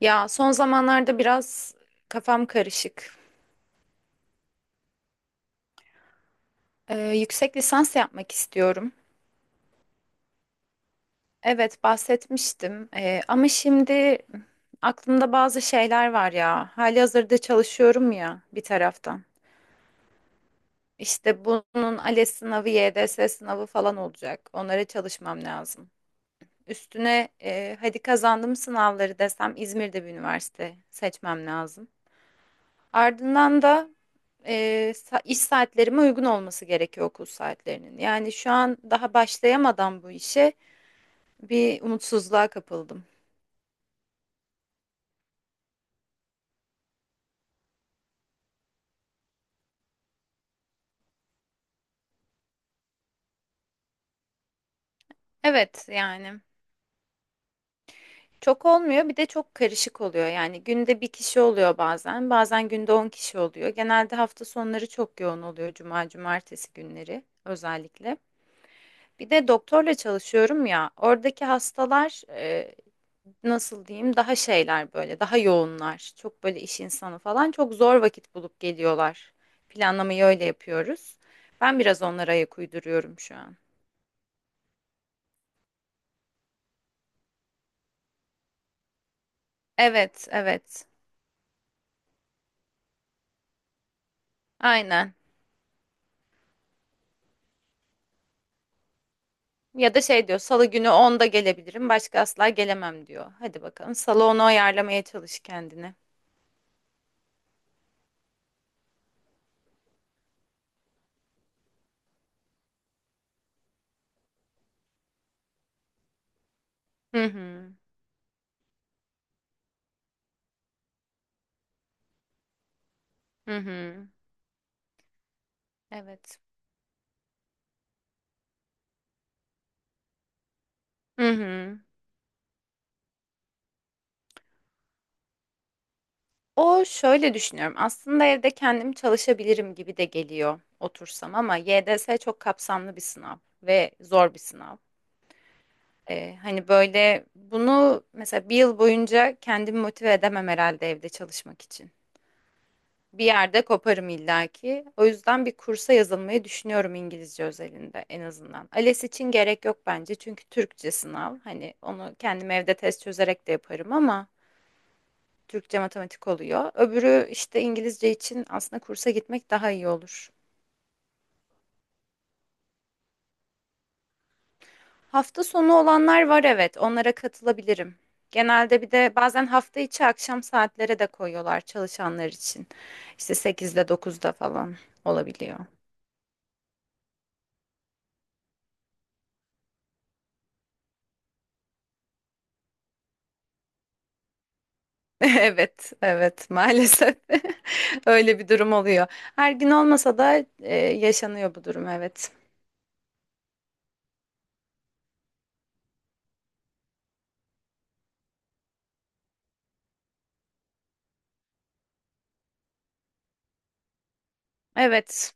Ya son zamanlarda biraz kafam karışık. Yüksek lisans yapmak istiyorum. Evet bahsetmiştim. Ama şimdi aklımda bazı şeyler var ya. Halihazırda çalışıyorum ya bir taraftan. İşte bunun ALES sınavı, YDS sınavı falan olacak. Onlara çalışmam lazım. Üstüne hadi kazandım sınavları desem İzmir'de bir üniversite seçmem lazım. Ardından da e, iş saatlerime uygun olması gerekiyor okul saatlerinin. Yani şu an daha başlayamadan bu işe bir umutsuzluğa kapıldım. Evet yani çok olmuyor, bir de çok karışık oluyor. Yani günde bir kişi oluyor, bazen günde 10 kişi oluyor. Genelde hafta sonları çok yoğun oluyor, cuma cumartesi günleri özellikle. Bir de doktorla çalışıyorum ya, oradaki hastalar, nasıl diyeyim, daha şeyler böyle, daha yoğunlar. Çok böyle iş insanı falan, çok zor vakit bulup geliyorlar. Planlamayı öyle yapıyoruz. Ben biraz onlara ayak uyduruyorum şu an. Evet, evet. Aynen. Ya da şey diyor, salı günü onda gelebilirim, başka asla gelemem diyor. Hadi bakalım, salı onu ayarlamaya çalış kendine. Hı hı. Hı hı. Evet. Hı hı. O şöyle düşünüyorum. Aslında evde kendim çalışabilirim gibi de geliyor otursam, ama YDS çok kapsamlı bir sınav ve zor bir sınav. Hani böyle bunu mesela bir yıl boyunca kendimi motive edemem herhalde evde çalışmak için. Bir yerde koparım illaki. O yüzden bir kursa yazılmayı düşünüyorum, İngilizce özelinde en azından. ALES için gerek yok bence çünkü Türkçe sınav. Hani onu kendim evde test çözerek de yaparım ama Türkçe matematik oluyor. Öbürü işte, İngilizce için aslında kursa gitmek daha iyi olur. Hafta sonu olanlar var evet, onlara katılabilirim. Genelde bir de bazen hafta içi akşam saatlere de koyuyorlar çalışanlar için. İşte 8'de dokuzda falan olabiliyor. Evet, evet maalesef. Öyle bir durum oluyor. Her gün olmasa da yaşanıyor bu durum, evet. Evet.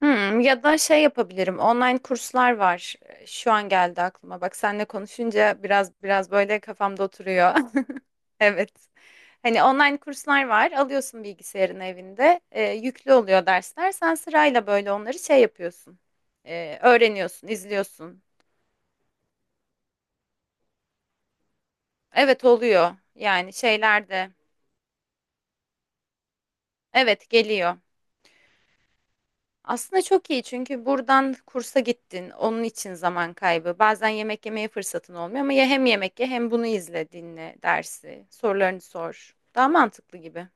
Hmm, ya da şey yapabilirim. Online kurslar var. Şu an geldi aklıma. Bak seninle konuşunca biraz böyle kafamda oturuyor. Evet. Hani online kurslar var. Alıyorsun bilgisayarın evinde. Yüklü oluyor dersler. Sen sırayla böyle onları şey yapıyorsun. Öğreniyorsun, izliyorsun. Evet oluyor. Yani şeyler de. Evet geliyor. Aslında çok iyi, çünkü buradan kursa gittin. Onun için zaman kaybı. Bazen yemek yemeye fırsatın olmuyor, ama ya hem yemek ye hem bunu izle, dinle dersi. Sorularını sor. Daha mantıklı gibi.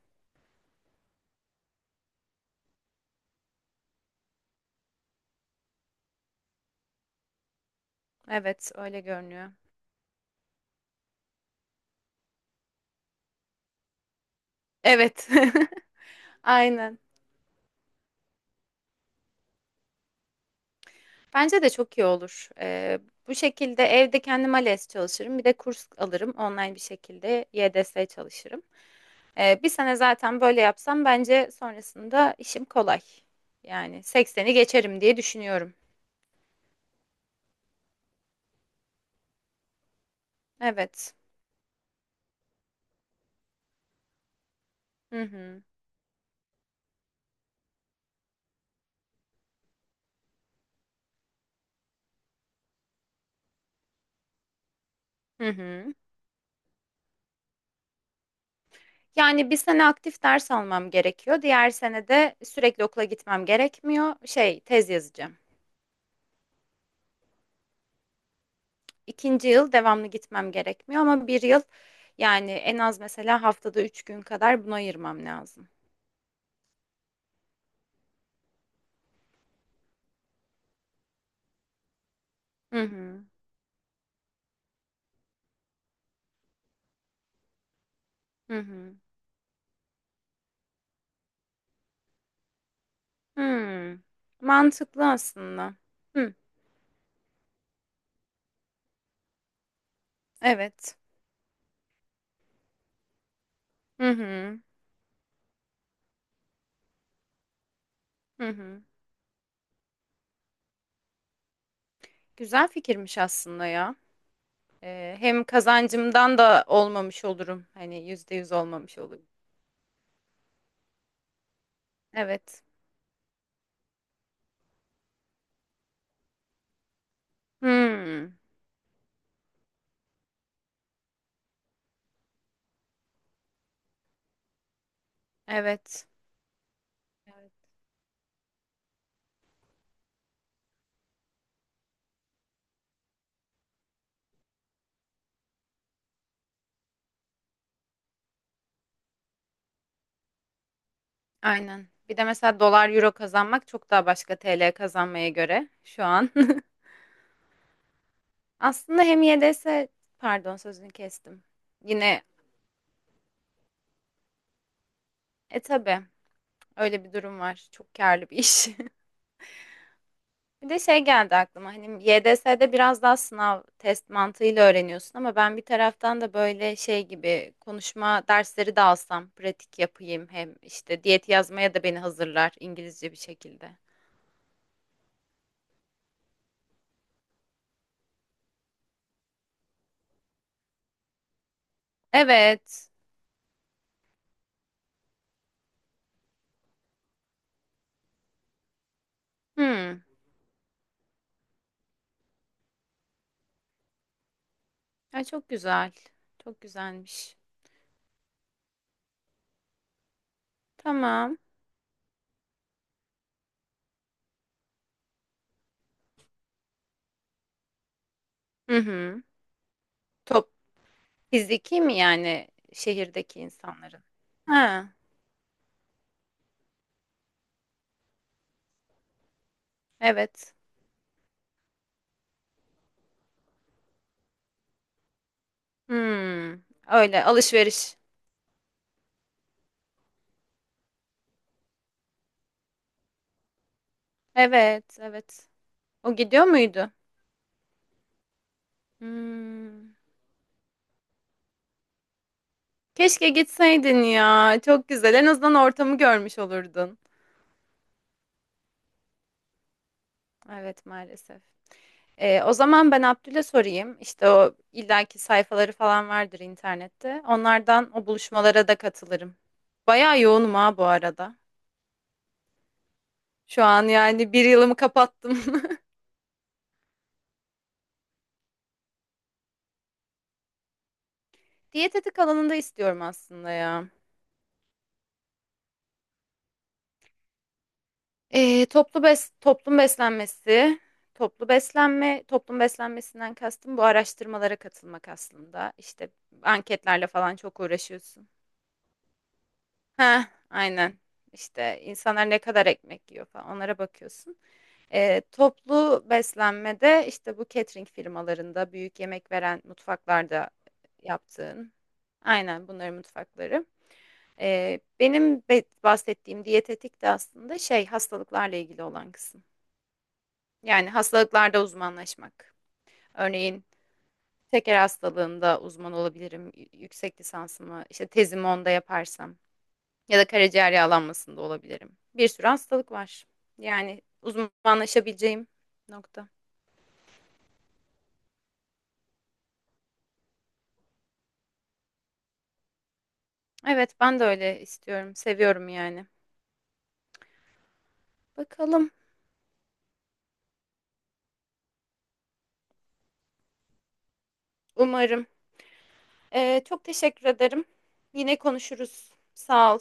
Evet, öyle görünüyor. Evet. Aynen. Bence de çok iyi olur. Bu şekilde evde kendim ALES çalışırım. Bir de kurs alırım. Online bir şekilde YDS çalışırım. Bir sene zaten böyle yapsam bence sonrasında işim kolay. Yani sekseni geçerim diye düşünüyorum. Evet. Hı hı. Hı hı. Yani bir sene aktif ders almam gerekiyor. Diğer sene de sürekli okula gitmem gerekmiyor. Şey, tez yazacağım. İkinci yıl devamlı gitmem gerekmiyor, ama bir yıl yani en az mesela haftada üç gün kadar buna ayırmam lazım. Hı hı. Hı hı. Hı. Mantıklı aslında. Hı. Evet. Hı hı. Hı hı. Güzel fikirmiş aslında ya. Hem kazancımdan da olmamış olurum. Hani yüzde yüz olmamış olurum. Evet. Hmm. Evet. Evet. Aynen. Bir de mesela dolar euro kazanmak çok daha başka, TL kazanmaya göre şu an. Aslında hem YDS, pardon sözünü kestim. Yine tabii öyle bir durum var. Çok karlı bir iş. Bir de şey geldi aklıma. Hani YDS'de biraz daha sınav test mantığıyla öğreniyorsun, ama ben bir taraftan da böyle şey gibi konuşma dersleri de alsam, pratik yapayım, hem işte diyet yazmaya da beni hazırlar İngilizce bir şekilde. Evet. Hmm. Ay çok güzel. Çok güzelmiş. Tamam. Hı hı. Top, fiziki mi yani, şehirdeki insanların? Ha, evet. Hmm, öyle alışveriş. Evet, evet. O gidiyor muydu? Hmm. Keşke gitseydin ya. Çok güzel. En azından ortamı görmüş olurdun. Evet, maalesef. O zaman ben Abdül'e sorayım. İşte o illaki sayfaları falan vardır internette. Onlardan o buluşmalara da katılırım. Bayağı yoğunum ha bu arada. Şu an yani bir yılımı kapattım. Diyetetik alanında istiyorum aslında ya. Toplum beslenmesi, toplu beslenme, toplum beslenmesinden kastım bu araştırmalara katılmak aslında. İşte anketlerle falan çok uğraşıyorsun. Ha, aynen. İşte insanlar ne kadar ekmek yiyor falan, onlara bakıyorsun. Toplu beslenmede işte bu catering firmalarında büyük yemek veren mutfaklarda yaptığın. Aynen, bunların mutfakları. Bahsettiğim diyetetik de aslında şey, hastalıklarla ilgili olan kısım. Yani hastalıklarda uzmanlaşmak. Örneğin şeker hastalığında uzman olabilirim, yüksek lisansımı işte tezimi onda yaparsam. Ya da karaciğer yağlanmasında olabilirim. Bir sürü hastalık var. Yani uzmanlaşabileceğim nokta. Evet, ben de öyle istiyorum. Seviyorum yani. Bakalım. Umarım. Çok teşekkür ederim. Yine konuşuruz. Sağ ol.